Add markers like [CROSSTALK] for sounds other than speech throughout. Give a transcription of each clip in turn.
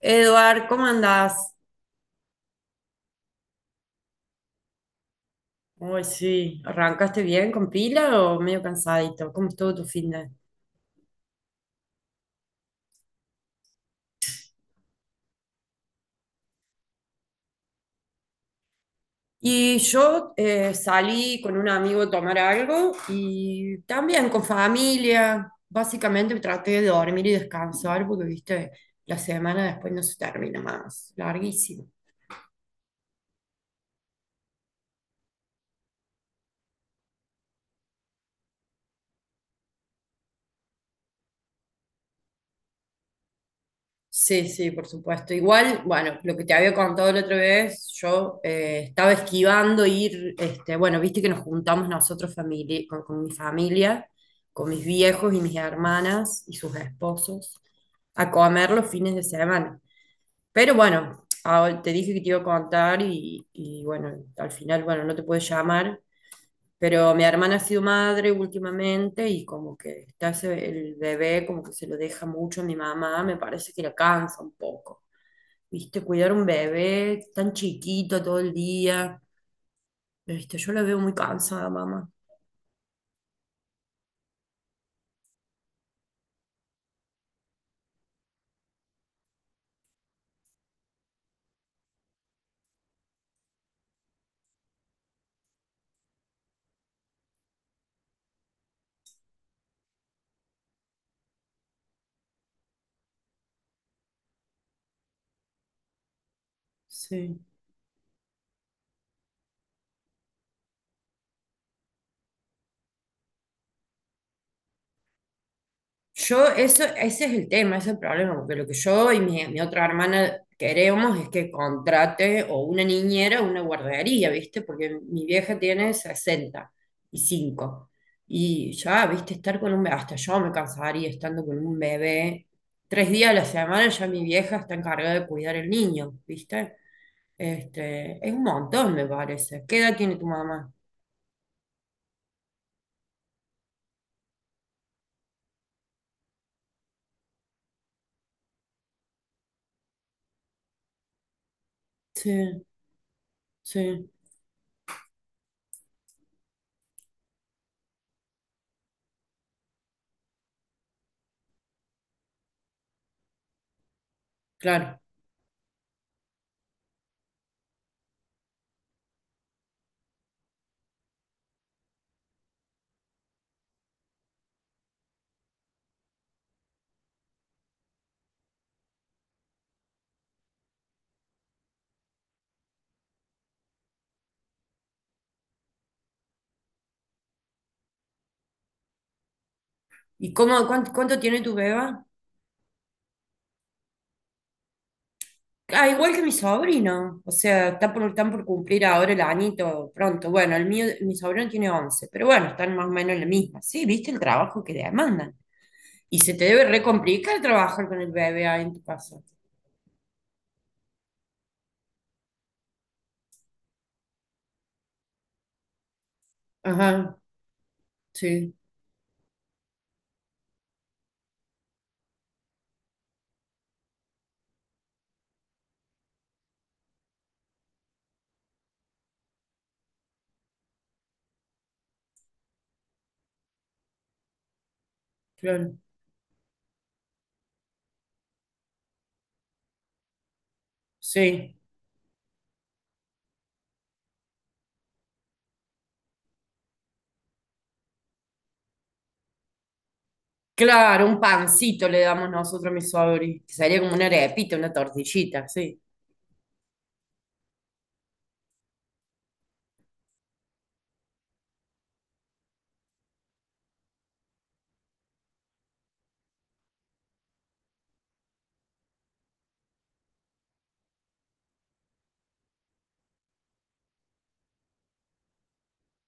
Eduard, ¿cómo andás? Uy, sí, ¿arrancaste bien con pila o medio cansadito? ¿Cómo estuvo tu fin de? Y yo salí con un amigo a tomar algo y también con familia. Básicamente traté de dormir y descansar porque, viste, la semana después no se termina más, larguísimo. Sí, sí, por supuesto. Igual, bueno, lo que te había contado la otra vez, yo estaba esquivando ir, este, bueno, viste que nos juntamos nosotros con mi familia, con mis viejos y mis hermanas y sus esposos, a comer los fines de semana. Pero bueno, ah, bueno, te dije que te iba a contar y bueno, al final, bueno, no te puedo llamar, pero mi hermana ha sido madre últimamente y como que está el bebé, como que se lo deja mucho a mi mamá, me parece que la cansa un poco. ¿Viste? Cuidar un bebé tan chiquito todo el día. ¿Viste? Yo la veo muy cansada, mamá. Sí. Yo, eso, ese es el tema, ese es el problema, porque lo que yo y mi otra hermana queremos es que contrate o una niñera o una guardería, ¿viste? Porque mi vieja tiene 65 y cinco. Y ya, ¿viste? Estar con un bebé, hasta yo me cansaría estando con un bebé. Tres días a la semana ya mi vieja está encargada de cuidar el niño, ¿viste? Este, es un montón, me parece. ¿Qué edad tiene tu mamá? Sí, sí, claro. Y cuánto tiene tu beba? Ah, igual que mi sobrino, o sea, están por cumplir ahora el añito pronto. Bueno, el mío, mi sobrino tiene 11, pero bueno, están más o menos en la misma. Sí, viste el trabajo que demandan. Y se te debe recomplicar trabajar con el bebé ahí en tu casa. Ajá, sí, claro, sí. Claro, un pancito le damos nosotros a mi sobrino, que sería como una arepita, una tortillita, sí.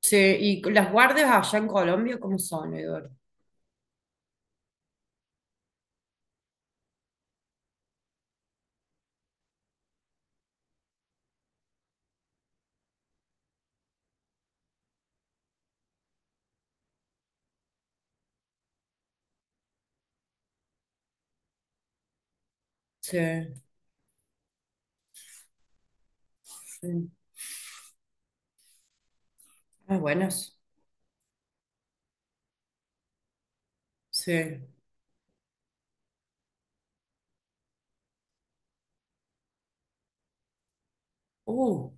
Sí, y las guardias allá en Colombia, ¿cómo son, Eduardo? Sí, sí. Ah, buenas. Sí. Uh.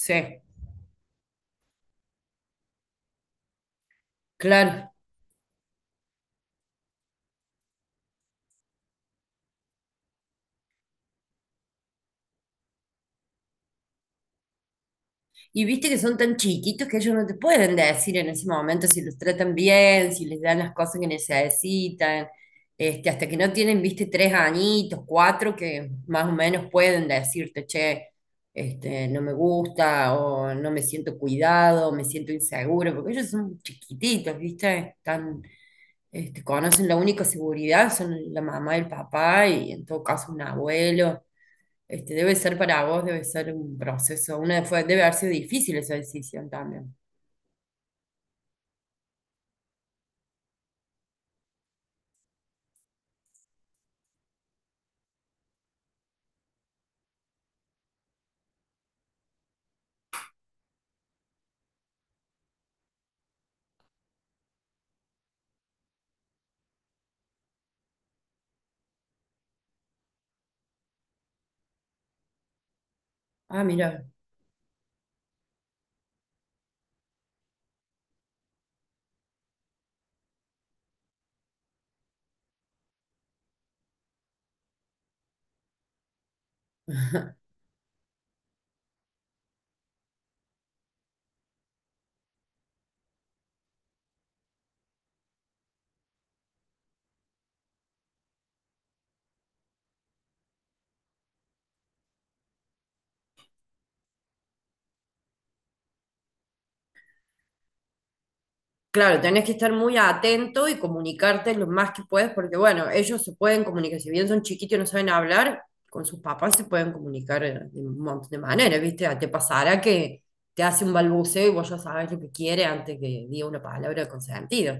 Sí, claro. Y viste que son tan chiquitos que ellos no te pueden decir en ese momento si los tratan bien, si les dan las cosas que necesitan, este, hasta que no tienen, viste, tres añitos, cuatro, que más o menos pueden decirte, che, este, no me gusta, o no me siento cuidado, o me siento inseguro, porque ellos son chiquititos, viste, están, este, conocen la única seguridad, son la mamá y el papá, y en todo caso un abuelo. Este, debe ser para vos, debe ser un proceso, una, fue, debe haber sido difícil esa decisión también. Ah, mira. [LAUGHS] Claro, tenés que estar muy atento y comunicarte lo más que puedes, porque bueno, ellos se pueden comunicar, si bien son chiquitos y no saben hablar, con sus papás se pueden comunicar de un montón de maneras, ¿viste? Ah, te pasará que te hace un balbuceo y vos ya sabes lo que quiere antes que diga una palabra con sentido.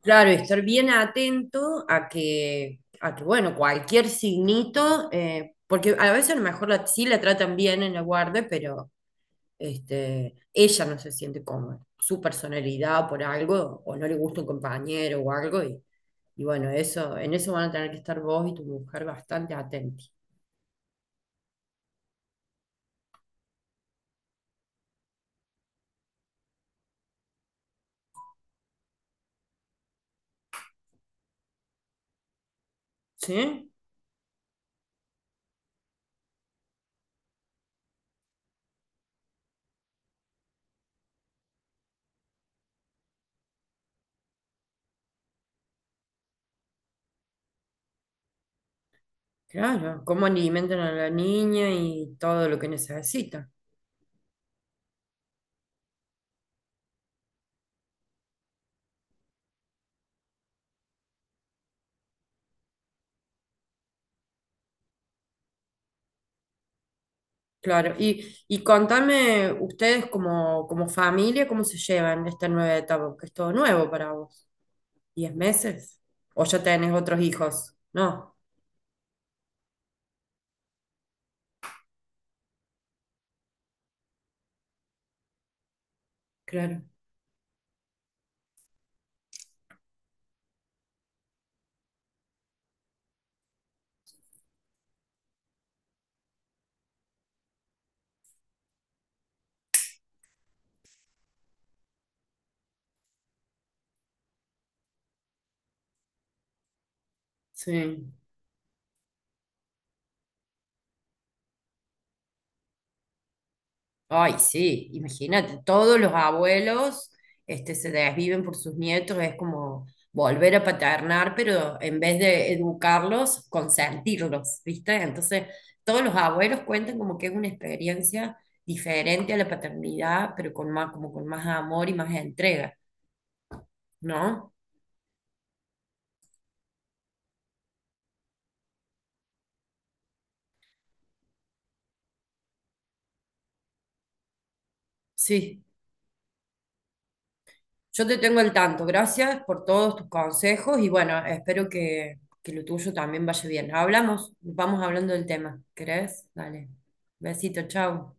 Claro, y estar bien atento a que bueno, cualquier signito, porque a veces a lo mejor la, sí la tratan bien en la guardia, pero este, ella no se siente cómoda, su personalidad por algo, o no le gusta un compañero o algo, y bueno, eso, en eso van a tener que estar vos y tu mujer bastante atentos. ¿Sí? Claro, cómo alimentan a la niña y todo lo que necesita. Claro, y contame ustedes como, como familia, ¿cómo se llevan esta nueva etapa? Que es todo nuevo para vos. ¿10 meses? ¿O ya tenés otros hijos? No, claro, sí. Ay, sí, imagínate, todos los abuelos este, se desviven por sus nietos, es como volver a paternar, pero en vez de educarlos, consentirlos, ¿viste? Entonces, todos los abuelos cuentan como que es una experiencia diferente a la paternidad, pero con más, como con más amor y más entrega, ¿no? Sí. Yo te tengo al tanto. Gracias por todos tus consejos y bueno, espero que lo tuyo también vaya bien. Hablamos, vamos hablando del tema. ¿Querés? Dale. Besito, chao.